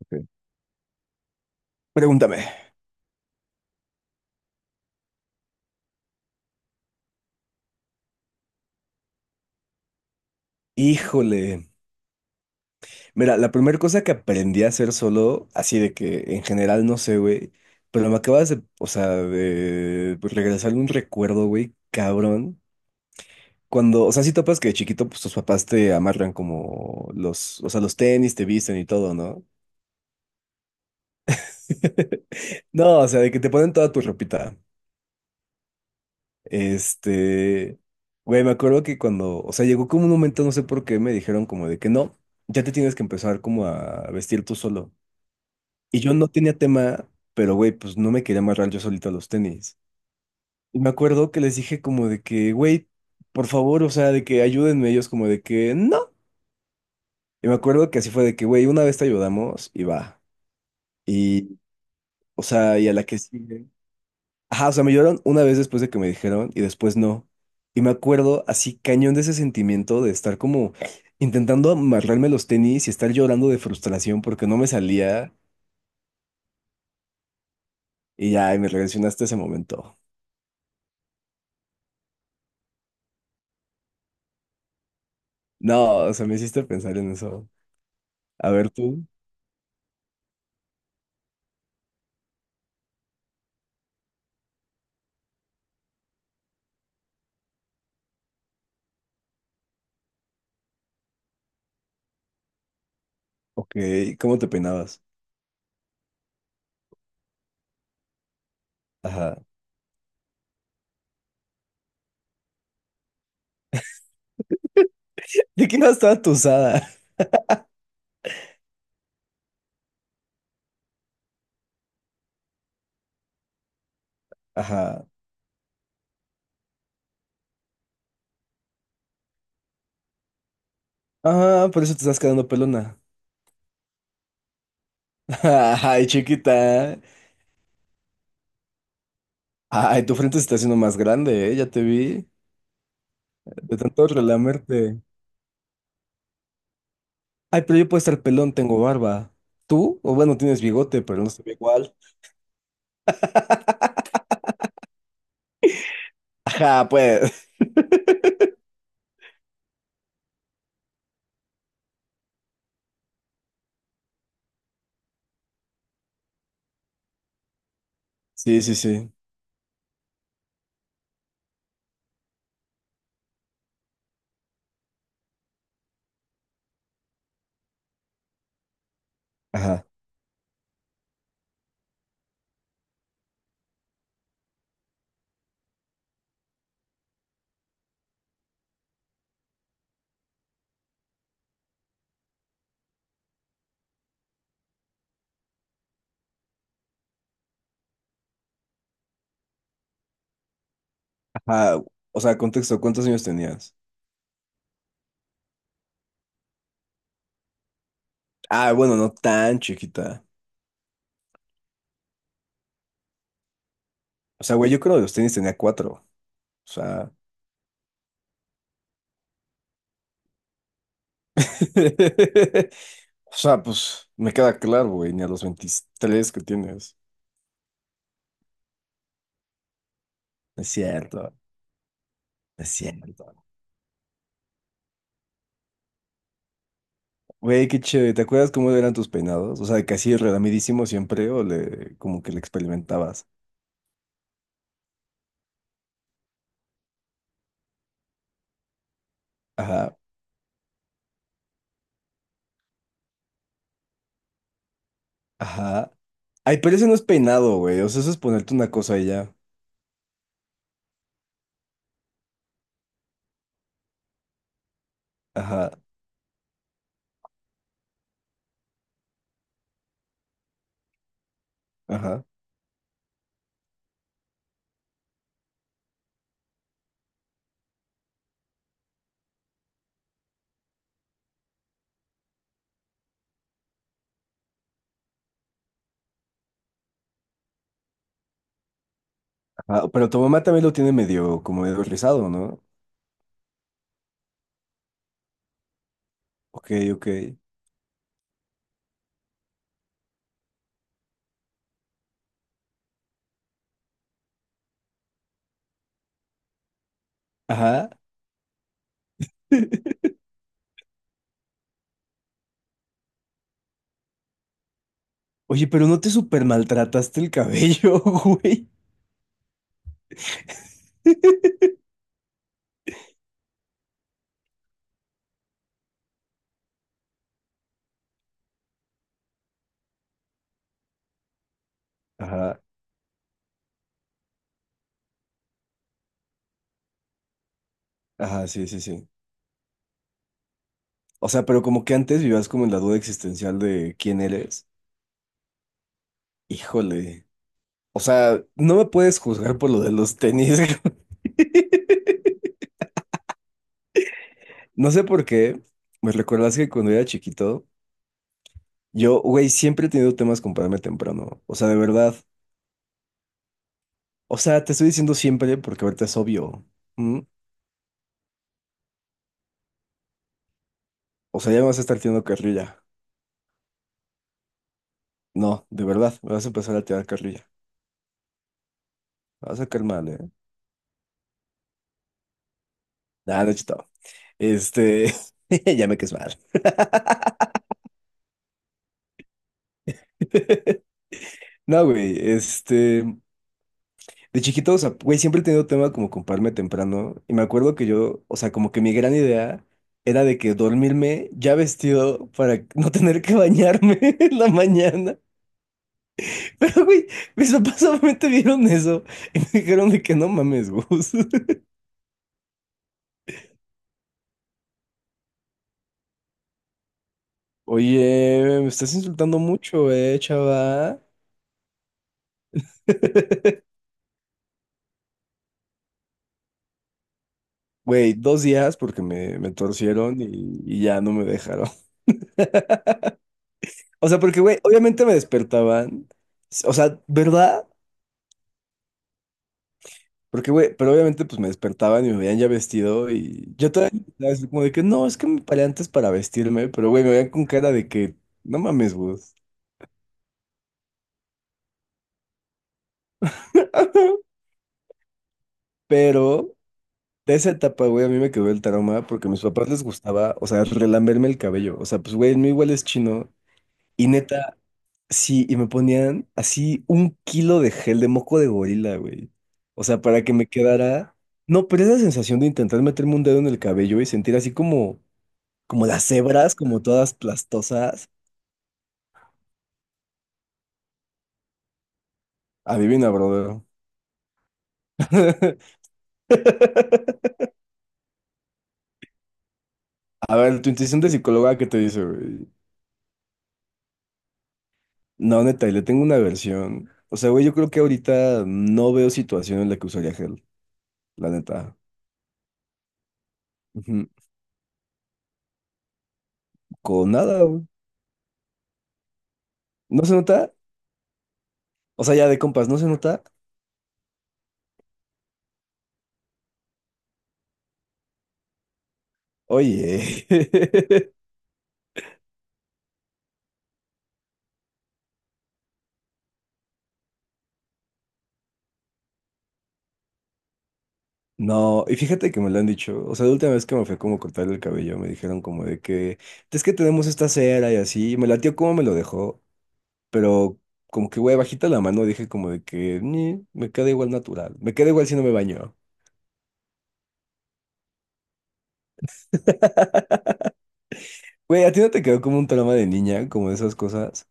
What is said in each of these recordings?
Ok. Pregúntame. Híjole. Mira, la primera cosa que aprendí a hacer solo, así de que en general no sé, güey, pero me acabas de, o sea, de pues, regresar un recuerdo, güey, cabrón. Cuando, o sea, si topas que de chiquito, pues tus papás te amarran como los, o sea, los tenis, te visten y todo, ¿no? No, o sea, de que te ponen toda tu ropita. Este, Güey, me acuerdo que cuando, o sea, llegó como un momento, no sé por qué, me dijeron como de que no, ya te tienes que empezar como a vestir tú solo. Y yo no tenía tema, pero güey, pues no me quería amarrar yo solito a los tenis. Y me acuerdo que les dije como de que, güey, por favor, o sea, de que ayúdenme ellos como de que no. Y me acuerdo que así fue de que, güey, una vez te ayudamos y va. Y, o sea, y a la que sigue. Ajá, o sea, me ayudaron una vez después de que me dijeron y después no. Y me acuerdo así cañón de ese sentimiento de estar como intentando amarrarme los tenis y estar llorando de frustración porque no me salía. Y ya, y me regresionaste ese momento. No, o sea, me hiciste pensar en eso. A ver tú, ok, ¿cómo te peinabas? Ajá. ¿De qué ibas toda tusada? Ajá. Ah, por eso te estás quedando pelona. Ay, chiquita. Ay, tu frente se está haciendo más grande, ¿eh? Ya te vi. De tanto relamerte. Ay, pero yo puedo estar pelón, tengo barba. ¿Tú? O bueno, tienes bigote, pero no se ve igual. Ajá, pues. Sí, sí, sí. Ajá. Ajá. O sea, contexto, ¿cuántos años tenías? Ah, bueno, no tan chiquita. O sea, güey, yo creo que los tenis tenía cuatro. O sea, o sea, pues me queda claro, güey, ni a los 23 que tienes. No Es cierto, no es cierto. Güey, qué chévere. ¿Te acuerdas cómo eran tus peinados? O sea, de que así siempre o le, como que le experimentabas. Ajá, ajá. Ay, pero ese no es peinado, güey. O sea, eso es ponerte una cosa y ya. Ajá, ajá, ajá. Pero tu mamá también lo tiene medio, como medio rizado, ¿no? Ok, ok. Ajá. Oye, pero no te super maltrataste el cabello, güey. Ajá. Ajá, sí, sí, sí. O sea, pero como que antes vivías como en la duda existencial de quién eres. Híjole. O sea, no me puedes juzgar por lo de los tenis. No sé por qué. Me recuerdas que cuando era chiquito, yo, güey, siempre he tenido temas con pararme temprano. O sea, de verdad. O sea, te estoy diciendo siempre porque ahorita es obvio. ¿Mm? O sea, ya me vas a estar tirando carrilla. No, de verdad, me vas a empezar a tirar carrilla. Me vas a caer mal, ¿eh? Nada, no he chutado. Este, ya me caes mal. No, güey, de chiquito, o sea, güey, siempre he tenido tema como con pararme temprano y me acuerdo que yo, o sea, como que mi gran idea era de que dormirme ya vestido para no tener que bañarme en la mañana. Pero, güey, mis papás solamente vieron eso y me dijeron de que no mames, Gus. Oye, me estás insultando mucho, chava. Güey, dos días porque me torcieron y ya no me dejaron. O sea, porque, güey, obviamente me despertaban. O sea, ¿verdad? Porque, güey, pero obviamente pues me despertaban y me veían ya vestido y yo todavía estaba así como de que no, es que me paré antes para vestirme, pero, güey, me veían con cara de que no mames, vos. Pero de esa etapa, güey, a mí me quedó el trauma porque a mis papás les gustaba, o sea, relamberme el cabello. O sea, pues, güey, el mío igual es chino. Y neta, sí, y me ponían así un kilo de gel de moco de gorila, güey. O sea, para que me quedara. No, pero esa sensación de intentar meterme un dedo en el cabello y sentir así como, como las hebras, como todas plastosas. Adivina, brother. A ver, tu intuición de psicóloga, ¿qué te dice, güey? No, neta, y le tengo una versión. O sea, güey, yo creo que ahorita no veo situación en la que usaría gel, la neta. Ujú. Con nada, güey. ¿No se nota? O sea, ya de compas, ¿no se nota? Oye, no, y fíjate que me lo han dicho, o sea, la última vez que me fue como a cortar el cabello, me dijeron como de que, es que tenemos esta cera y así, y me latió como me lo dejó, pero como que, güey, bajita la mano dije como de que, "Ni, me queda igual natural, me queda igual si no me baño". Güey, ¿a ti no te quedó como un trauma de niña, como de esas cosas?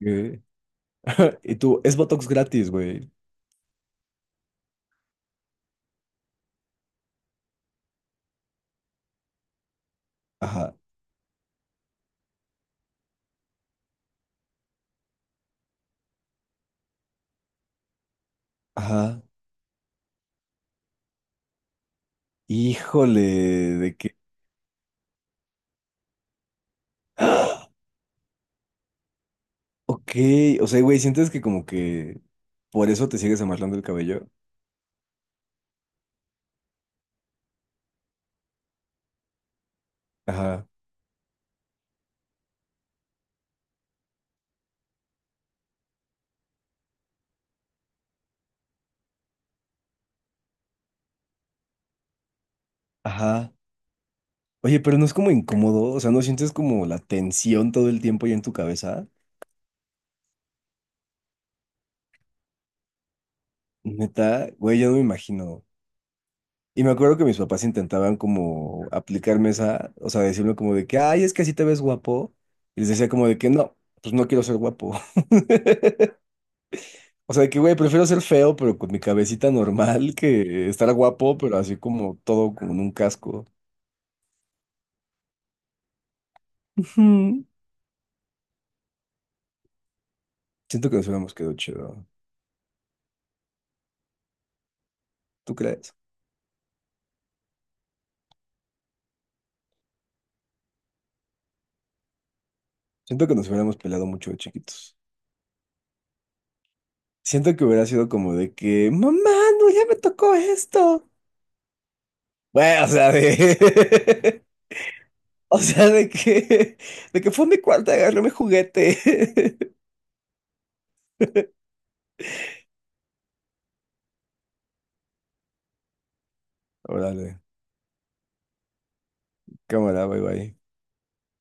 Que- Y tú, es Botox gratis, güey. Ajá, ajá. Híjole, de que... Ok, o sea, güey, ¿sientes que como que por eso te sigues amarrando el cabello? Ajá, ajá. Oye, pero no es como incómodo, o sea, no sientes como la tensión todo el tiempo ya en tu cabeza. Neta, güey, yo no me imagino. Y me acuerdo que mis papás intentaban como aplicarme esa, o sea, decirme como de que, ay, es que así te ves guapo. Y les decía como de que no, pues no quiero ser guapo. O sea, de que, güey, prefiero ser feo, pero con mi cabecita normal, que estar guapo, pero así como todo con un casco. Ujú. Siento que nos hubiéramos quedado chido. ¿Tú crees? Siento que nos hubiéramos peleado mucho de chiquitos. Siento que hubiera sido como de que, mamá, no, ya me tocó esto. Bueno, o sea, de... O sea, de que... De que fue a mi cuarto, agarré mi juguete. Órale, cámara, bye bye.